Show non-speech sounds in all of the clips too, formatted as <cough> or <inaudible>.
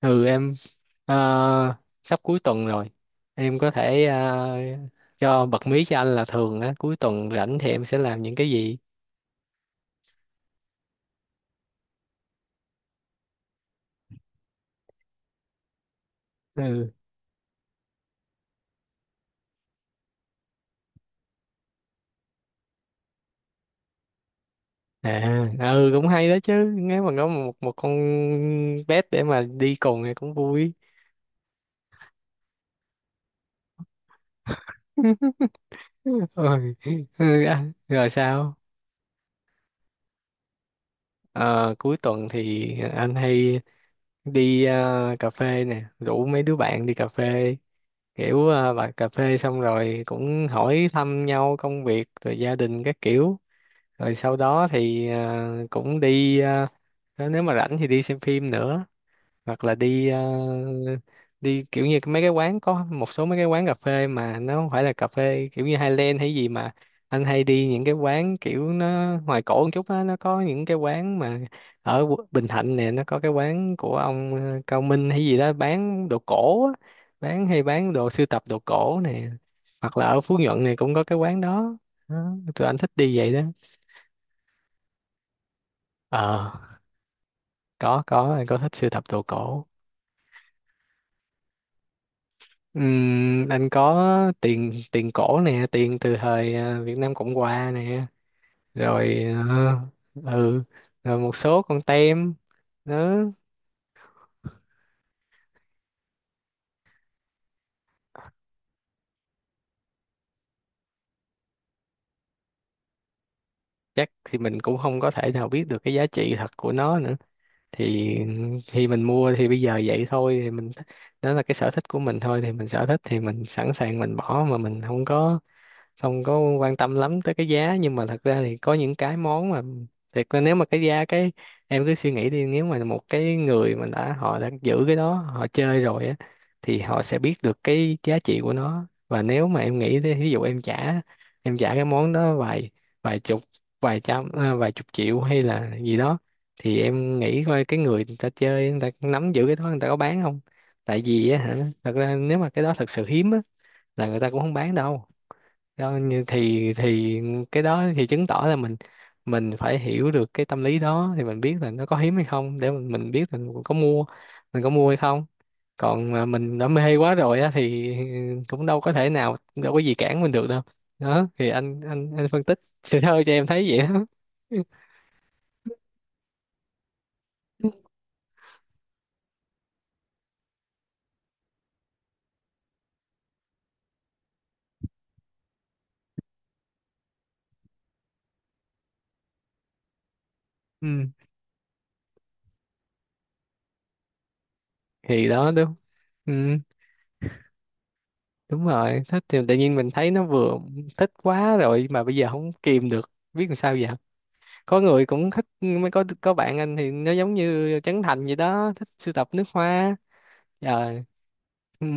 Ừ em. ờ, Sắp cuối tuần rồi, em có thể cho bật mí cho anh là thường á cuối tuần rảnh thì em sẽ làm những cái gì? Ừ. À, ừ, cũng hay đó chứ. Nếu mà có một một con pet để mà đi cùng thì cũng vui. <laughs> Ôi, ừ, à, rồi sao? Ờ, cuối tuần thì anh hay đi cà phê nè, rủ mấy đứa bạn đi cà phê, kiểu à, bà cà phê xong rồi cũng hỏi thăm nhau công việc rồi gia đình các kiểu. Rồi sau đó thì à, cũng đi à, nếu mà rảnh thì đi xem phim nữa, hoặc là đi đi kiểu như mấy cái quán, có một số mấy cái quán cà phê mà nó không phải là cà phê kiểu như Highland hay gì, mà anh hay đi những cái quán kiểu nó ngoài cổ một chút á, nó có những cái quán mà ở Bình Thạnh nè, nó có cái quán của ông Cao Minh hay gì đó bán đồ cổ á, bán hay bán đồ sưu tập đồ cổ nè, hoặc là ở Phú Nhuận này cũng có cái quán đó. Đó, tụi anh thích đi vậy đó. Ờ, có anh có thích sưu tập đồ cổ. Anh có tiền tiền cổ nè, tiền từ thời Việt Nam Cộng Hòa nè, rồi. Ờ, ừ, rồi một số con tem nữa. Chắc thì mình cũng không có thể nào biết được cái giá trị thật của nó nữa thì thì mình mua thì bây giờ vậy thôi, thì mình, đó là cái sở thích của mình thôi, thì mình sở thích thì mình sẵn sàng mình bỏ mà mình không có, không có quan tâm lắm tới cái giá, nhưng mà thật ra thì có những cái món mà thiệt là nếu mà cái giá cái, em cứ suy nghĩ đi, nếu mà một cái người mà đã họ đã giữ cái đó họ chơi rồi á thì họ sẽ biết được cái giá trị của nó, và nếu mà em nghĩ thế, ví dụ em trả, em trả cái món đó vài, vài chục, vài trăm à, vài chục triệu hay là gì đó, thì em nghĩ coi cái người, người ta chơi, người ta nắm giữ cái đó, người ta có bán không. Tại vì á hả, thật ra nếu mà cái đó thật sự hiếm á là người ta cũng không bán đâu. Đó, như thì cái đó thì chứng tỏ là mình phải hiểu được cái tâm lý đó thì mình biết là nó có hiếm hay không để mình biết là mình có mua, mình có mua hay không, còn mà mình đã mê quá rồi á thì cũng đâu có thể nào, đâu có gì cản mình được đâu. Đó thì anh phân tích <laughs> sơ sơ cho em thấy vậy đó. <laughs> Ừ, thì đó đúng. Ừ, đúng rồi, thích thì tự nhiên mình thấy nó vừa, thích quá rồi mà bây giờ không kìm được biết làm sao giờ. Có người cũng thích mới có bạn anh thì nó giống như Trấn Thành gì đó thích sưu tập nước hoa. Trời. Ừ.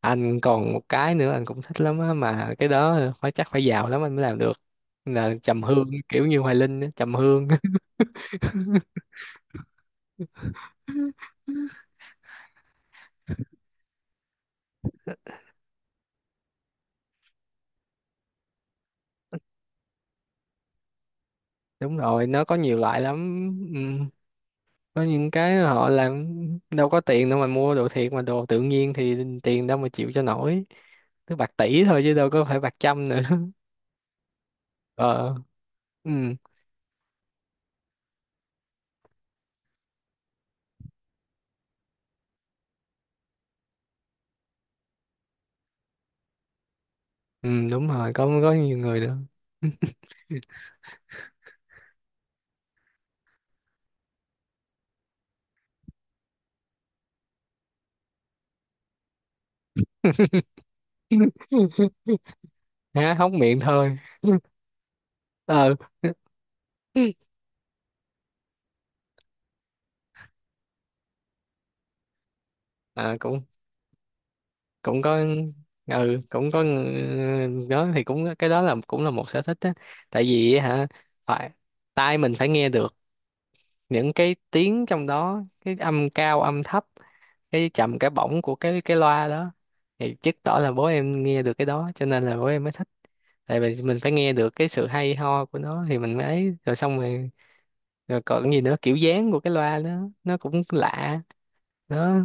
Anh còn một cái nữa anh cũng thích lắm á, mà cái đó phải chắc phải giàu lắm anh mới làm được, là trầm hương kiểu như Hoài Linh á, trầm hương. <laughs> Đúng rồi, nó có nhiều loại lắm. Ừ. Có những cái họ làm đâu có tiền đâu mà mua đồ thiệt, mà đồ tự nhiên thì tiền đâu mà chịu cho nổi, cứ bạc tỷ thôi chứ đâu có phải bạc trăm nữa. <laughs> Ờ, ừ. Ừ đúng rồi, có nhiều người nữa. <laughs> Há hốc miệng thôi. Ờ, à, cũng cũng có. Ừ cũng có đó thì cũng, cái đó là cũng là một sở thích á. Tại vì hả, phải, tai mình phải nghe được những cái tiếng trong đó, cái âm cao âm thấp, cái trầm cái bổng của cái loa đó, thì chứng tỏ là bố em nghe được cái đó cho nên là bố em mới thích. Tại vì mình phải nghe được cái sự hay ho của nó thì mình mới ấy, rồi xong rồi, rồi còn cái gì nữa, kiểu dáng của cái loa đó nó cũng lạ. Đó.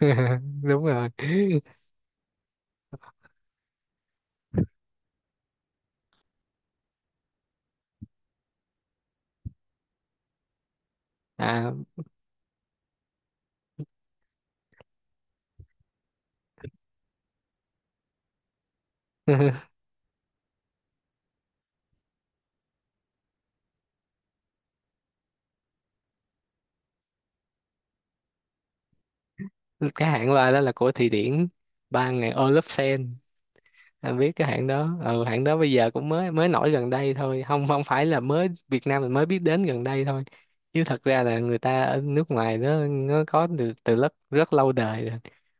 <laughs> Đúng rồi. À, <laughs> cái hãng loa đó là của Thụy Điển, ban ngày Olufsen. Anh biết cái hãng đó, ừ, hãng đó bây giờ cũng mới mới nổi gần đây thôi, không, không phải là mới Việt Nam mình mới biết đến gần đây thôi, chứ thật ra là người ta ở nước ngoài đó nó có từ từ rất rất lâu đời rồi,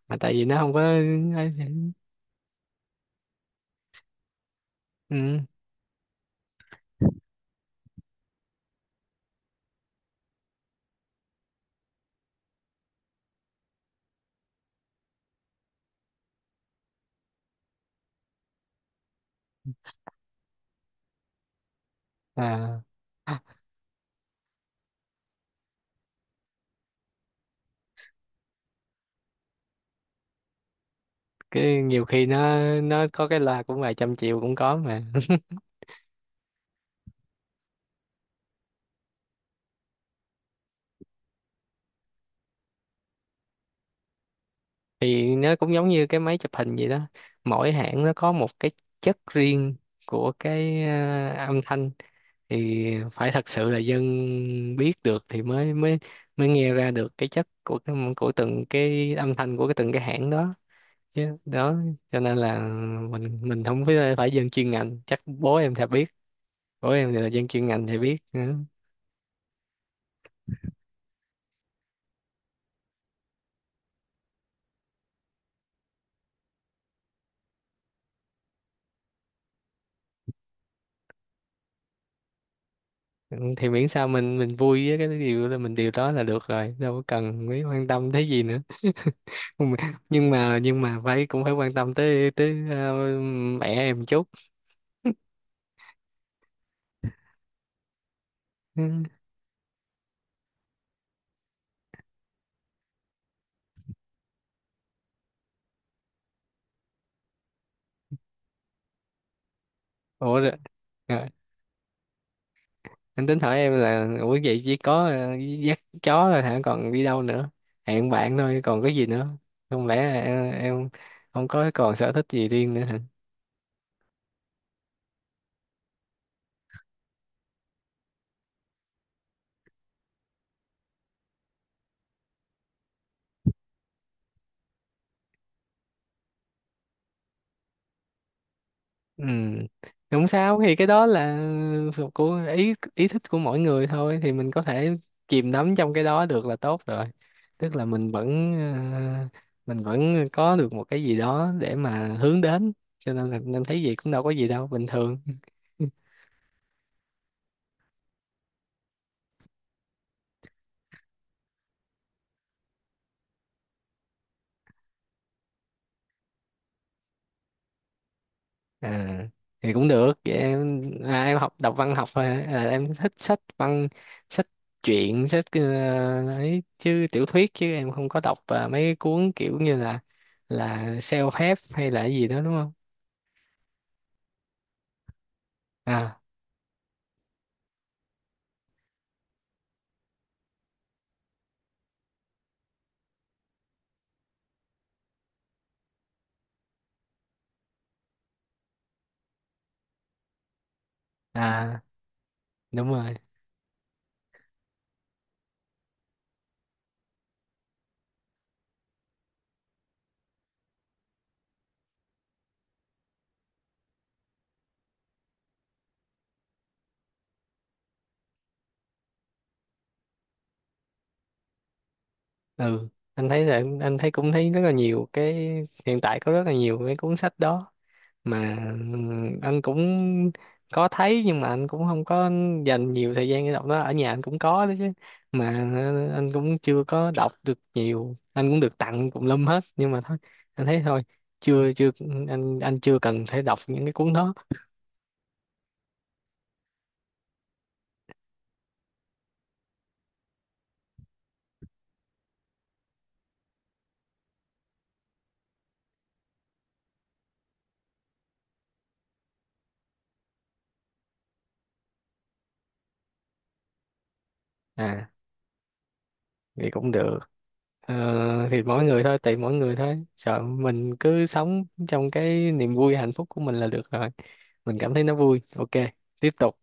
mà tại vì nó không có. Ừ. À, cái nhiều khi nó có cái loa cũng vài trăm triệu cũng có mà. <laughs> Thì nó cũng giống như cái máy chụp hình vậy đó, mỗi hãng nó có một cái chất riêng của cái âm thanh, thì phải thật sự là dân biết được thì mới mới mới nghe ra được cái chất của cái, của từng cái âm thanh của cái, từng cái hãng đó, chứ đó cho nên là mình không phải, phải dân chuyên ngành, chắc bố em sẽ biết. Bố em thì là dân chuyên ngành thì biết. Ừ. Ừ, thì miễn sao mình vui với cái điều là mình, điều đó là được rồi, đâu có cần mấy quan tâm thế gì nữa. Ừ, nhưng mà phải, cũng phải quan tâm tới tới mẹ em chút. Ừ. Ủa rồi, rồi, anh tính hỏi em là ủa vậy chỉ có dắt chó rồi hả, còn đi đâu nữa, hẹn bạn thôi còn cái gì nữa, không lẽ em không có còn sở thích gì riêng nữa. Ừ, không sao, thì cái đó là thuộc của ý ý thích của mỗi người thôi, thì mình có thể chìm đắm trong cái đó được là tốt rồi, tức là mình vẫn mình vẫn có được một cái gì đó để mà hướng đến, cho nên là em thấy gì cũng đâu có gì đâu, bình thường. À, thì cũng được vậy em, à, em học đọc văn học thôi hả? À, em thích sách văn, sách truyện, sách ấy chứ tiểu thuyết chứ em không có đọc à, mấy cuốn kiểu như là self-help hay là cái gì đó đúng không? À, à, đúng rồi. Ừ, anh thấy là, anh thấy cũng thấy rất là nhiều cái hiện tại, có rất là nhiều cái cuốn sách đó mà. Ừ, anh cũng có thấy nhưng mà anh cũng không có dành nhiều thời gian để đọc nó, ở nhà anh cũng có đó chứ, mà ừ, anh cũng chưa có đọc được nhiều, anh cũng được tặng tùm lum hết, nhưng mà thôi anh thấy thôi, chưa chưa anh chưa cần phải đọc những cái cuốn đó. À thì cũng được. Ờ, thì mỗi người thôi, tùy mỗi người thôi, sợ mình cứ sống trong cái niềm vui hạnh phúc của mình là được rồi, mình cảm thấy nó vui ok, tiếp tục.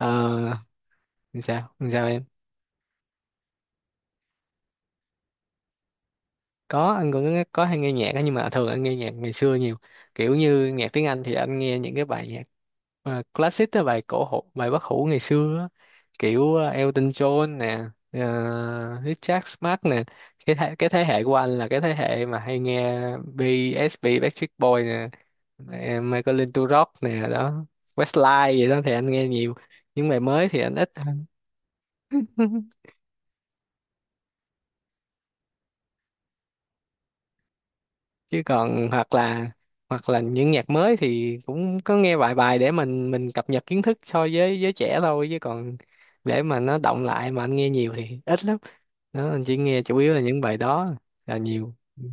Ờ, làm sao em. Có, anh cũng có hay nghe nhạc á, nhưng mà thường anh nghe nhạc ngày xưa nhiều, kiểu như nhạc tiếng Anh thì anh nghe những cái bài nhạc mà classic á, bài cổ hủ, bài bất hủ ngày xưa á. Kiểu Elton John nè, Richard Marx nè, cái thế hệ của anh là cái thế hệ mà hay nghe BSB Backstreet Boy nè, Michael Linton Rock nè, đó Westlife vậy đó thì anh nghe nhiều. Những bài mới thì anh ít hơn. <laughs> Chứ còn hoặc là, hoặc là những nhạc mới thì cũng có nghe vài bài để mình cập nhật kiến thức so với giới trẻ thôi, chứ còn để mà nó động lại mà anh nghe nhiều thì ít lắm. Đó, anh chỉ nghe chủ yếu là những bài đó là nhiều. Ừ.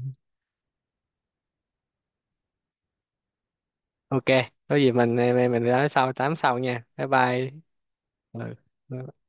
Ok, có gì mình nói sau, tám sau nha, bye bye. Ừ.